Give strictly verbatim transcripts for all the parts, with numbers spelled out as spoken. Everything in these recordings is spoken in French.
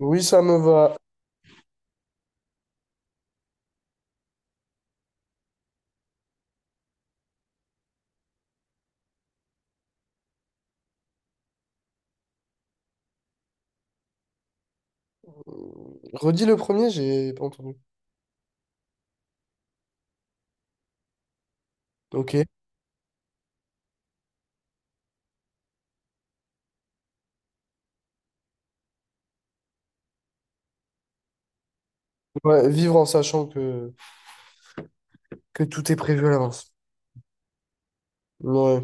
Oui, ça me va. Redis le premier, j'ai pas entendu. Ok. Ouais, vivre en sachant que, que tout est prévu à l'avance. Ouais.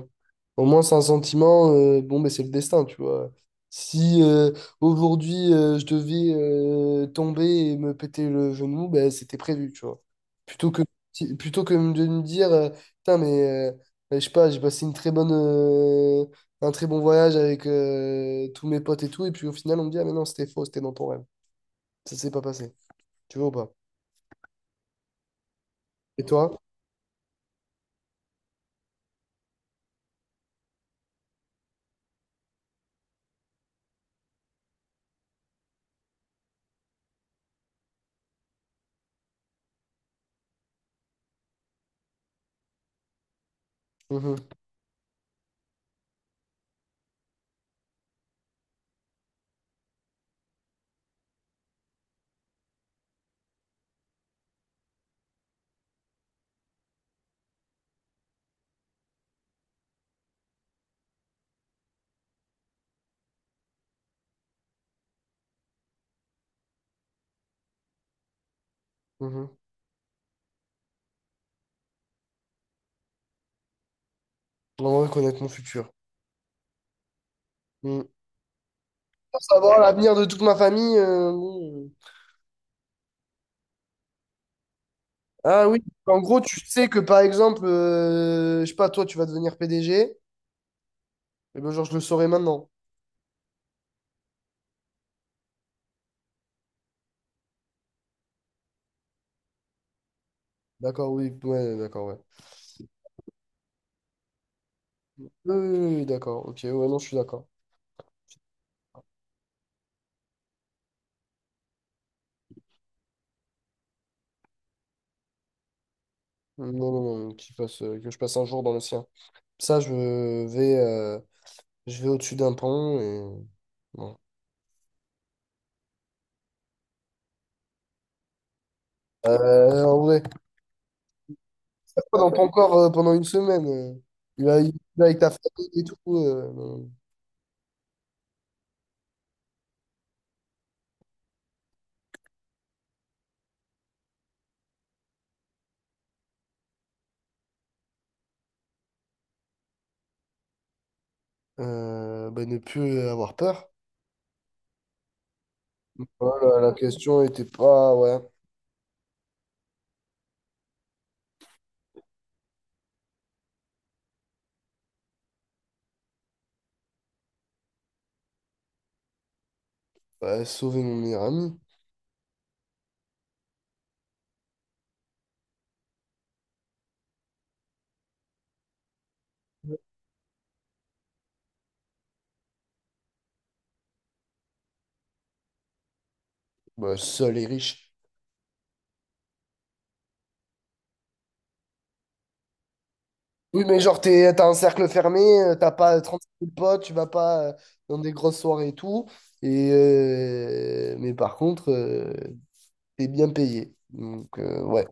Au moins, c'est un sentiment, euh, bon, mais c'est le destin, tu vois. Si euh, aujourd'hui, euh, je devais euh, tomber et me péter le genou, ben, c'était prévu, tu vois. Plutôt que, si- Plutôt que de me dire, euh, putain, mais euh, ben, je sais pas, j'ai passé une très bonne, euh, un très bon voyage avec euh, tous mes potes et tout, et puis au final, on me dit, ah, mais non, c'était faux, c'était dans ton rêve. Ça s'est pas passé. Tu vois ou pas? Et toi? Mhm, mhm. J'aimerais connaître mon futur. Mhm. Pour savoir l'avenir de toute ma famille. euh, bon, euh. Ah oui. En gros, tu sais que par exemple, euh, je sais pas, toi, tu vas devenir P D G. Et ben, genre, je le saurais maintenant. D'accord, oui. Ouais, d'accord, ouais. Oui, oui, oui, oui, d'accord. Ok, ouais, non, je suis d'accord. Non, non, non, qu'il passe, euh, que je passe un jour dans le sien. Ça, je vais, euh, je vais au-dessus d'un pont et. Bon. Euh, en vrai. Pas dans ton corps euh, pendant une semaine. euh. Tu vas tu vas avec ta famille et tout. euh, non. Euh, bah, ne plus euh, avoir peur. Voilà, la question était pas, ouais. Bah, sauver mon meilleur ami. Bah, seul et riche. Oui, mais genre, t'es, t'as un cercle fermé, euh, t'as pas trente-cinq mille potes, tu vas pas euh, dans des grosses soirées et tout. Et, euh, mais par contre, euh, t'es bien payé. Donc, euh, ouais.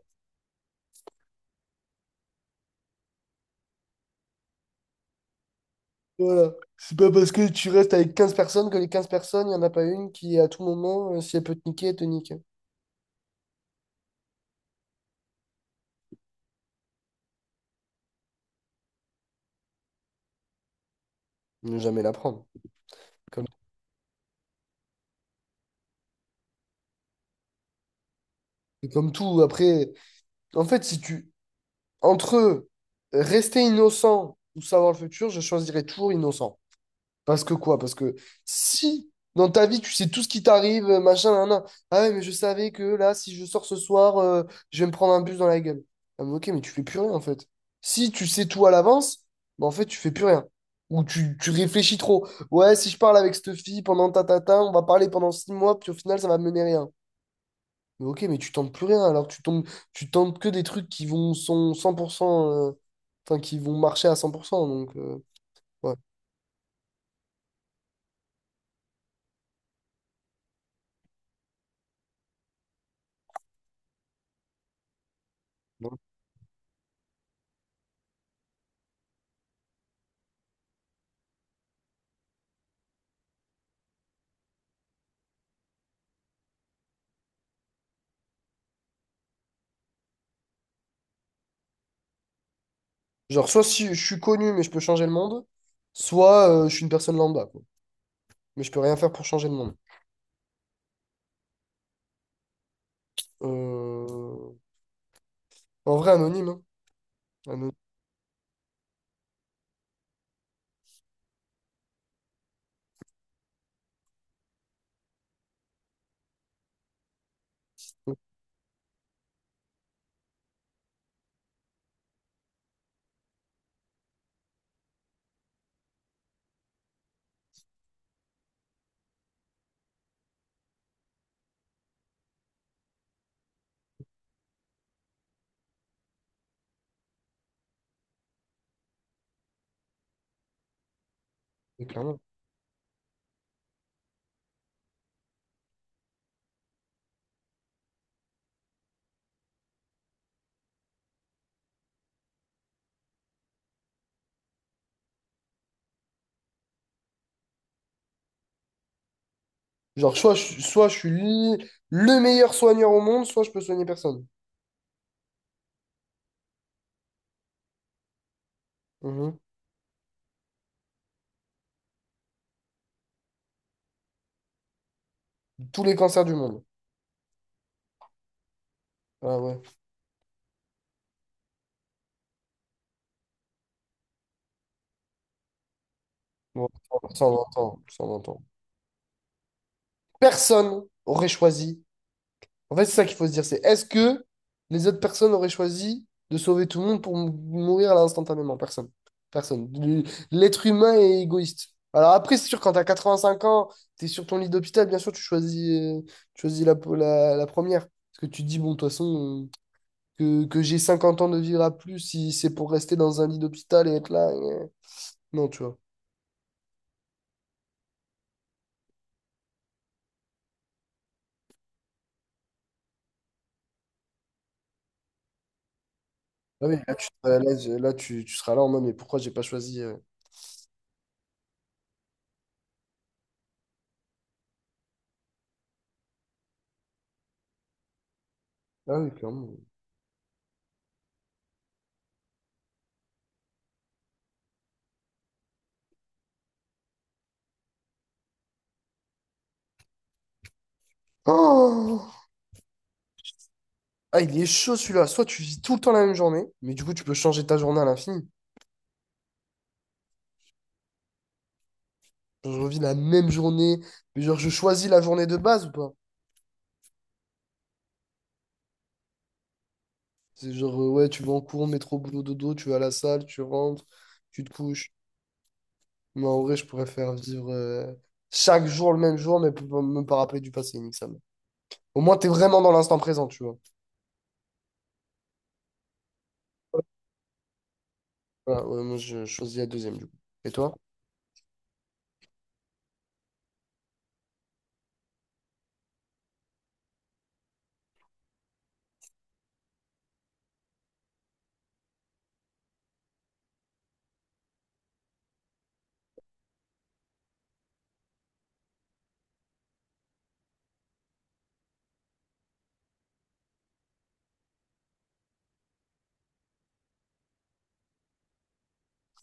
Voilà. C'est pas parce que tu restes avec quinze personnes que les quinze personnes, il n'y en a pas une qui, à tout moment, euh, si elle peut te niquer, elle te nique. Ne jamais la prendre. Comme, c'est comme tout. Après, en fait, si tu. Entre rester innocent ou savoir le futur, je choisirais toujours innocent. Parce que quoi? Parce que si dans ta vie tu sais tout ce qui t'arrive, euh, machin, nan, nan. Ah ouais, mais je savais que là, si je sors ce soir, euh, je vais me prendre un bus dans la gueule. Ah, mais ok, mais tu fais plus rien en fait. Si tu sais tout à l'avance, bah, en fait, tu fais plus rien. Ou tu, tu réfléchis trop. Ouais, si je parle avec cette fille pendant ta ta, ta, on va parler pendant six mois, puis au final, ça va mener rien. Mais ok, mais tu tentes plus rien, alors tu tombes, tu tentes que des trucs qui vont sont cent pour cent, euh, enfin, qui vont marcher à cent pour cent. Donc, euh, ouais. Genre, soit si je suis connu, mais je peux changer le monde, soit euh, je suis une personne lambda, quoi. Mais je peux rien faire pour changer le monde. Euh, En vrai, anonyme, hein. Anonyme, mais clairement. Genre, soit je, soit je suis li- le meilleur soigneur au monde, soit je peux soigner personne. Mhm. Tous les cancers du monde. Ah ouais. Bon, ça, on l'entend, ça, on l'entend. Personne aurait choisi. En fait, c'est ça qu'il faut se dire, c'est est-ce que les autres personnes auraient choisi de sauver tout le monde pour m- mourir là instantanément? Personne. Personne. Le- L'être humain est égoïste. Alors après, c'est sûr, quand t'as quatre-vingt-cinq ans, t'es sur ton lit d'hôpital, bien sûr, tu choisis, euh, tu choisis la, la, la première. Parce que tu te dis, bon, de toute façon, euh, que, que j'ai cinquante ans de vivre à plus, si c'est pour rester dans un lit d'hôpital et être là. euh, Non, tu vois. Ah oui, là, tu, euh, là, je- là, tu, tu seras là en mode, mais pourquoi j'ai pas choisi. euh, Ah oui, clairement. Oh! Ah, il est chaud celui-là. Soit tu vis tout le temps la même journée, mais du coup, tu peux changer ta journée à l'infini. Genre, je revis la même journée, mais genre, je choisis la journée de base ou pas? C'est genre, euh, ouais, tu vas en cours, métro, boulot, dodo, tu vas à la salle, tu rentres, tu te couches. Mais en vrai, je pourrais faire vivre euh, chaque jour le même jour, mais pour me pas rappeler du passé, nique ça. Au moins, t'es vraiment dans l'instant présent, tu vois. Voilà, ouais, moi, je choisis la deuxième, du coup. Et toi?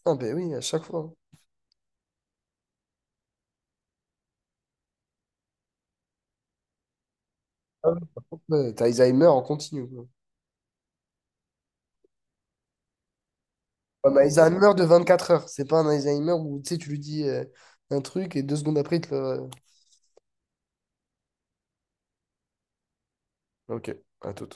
Ah, ben oui, à chaque fois. Hein. Ouais, par contre, ouais, t'as Alzheimer en continu, quoi. Ouais, mais Alzheimer de vingt-quatre heures. C'est pas un Alzheimer où tu sais, tu lui dis euh, un truc et deux secondes après, il te le. Ok, à tout.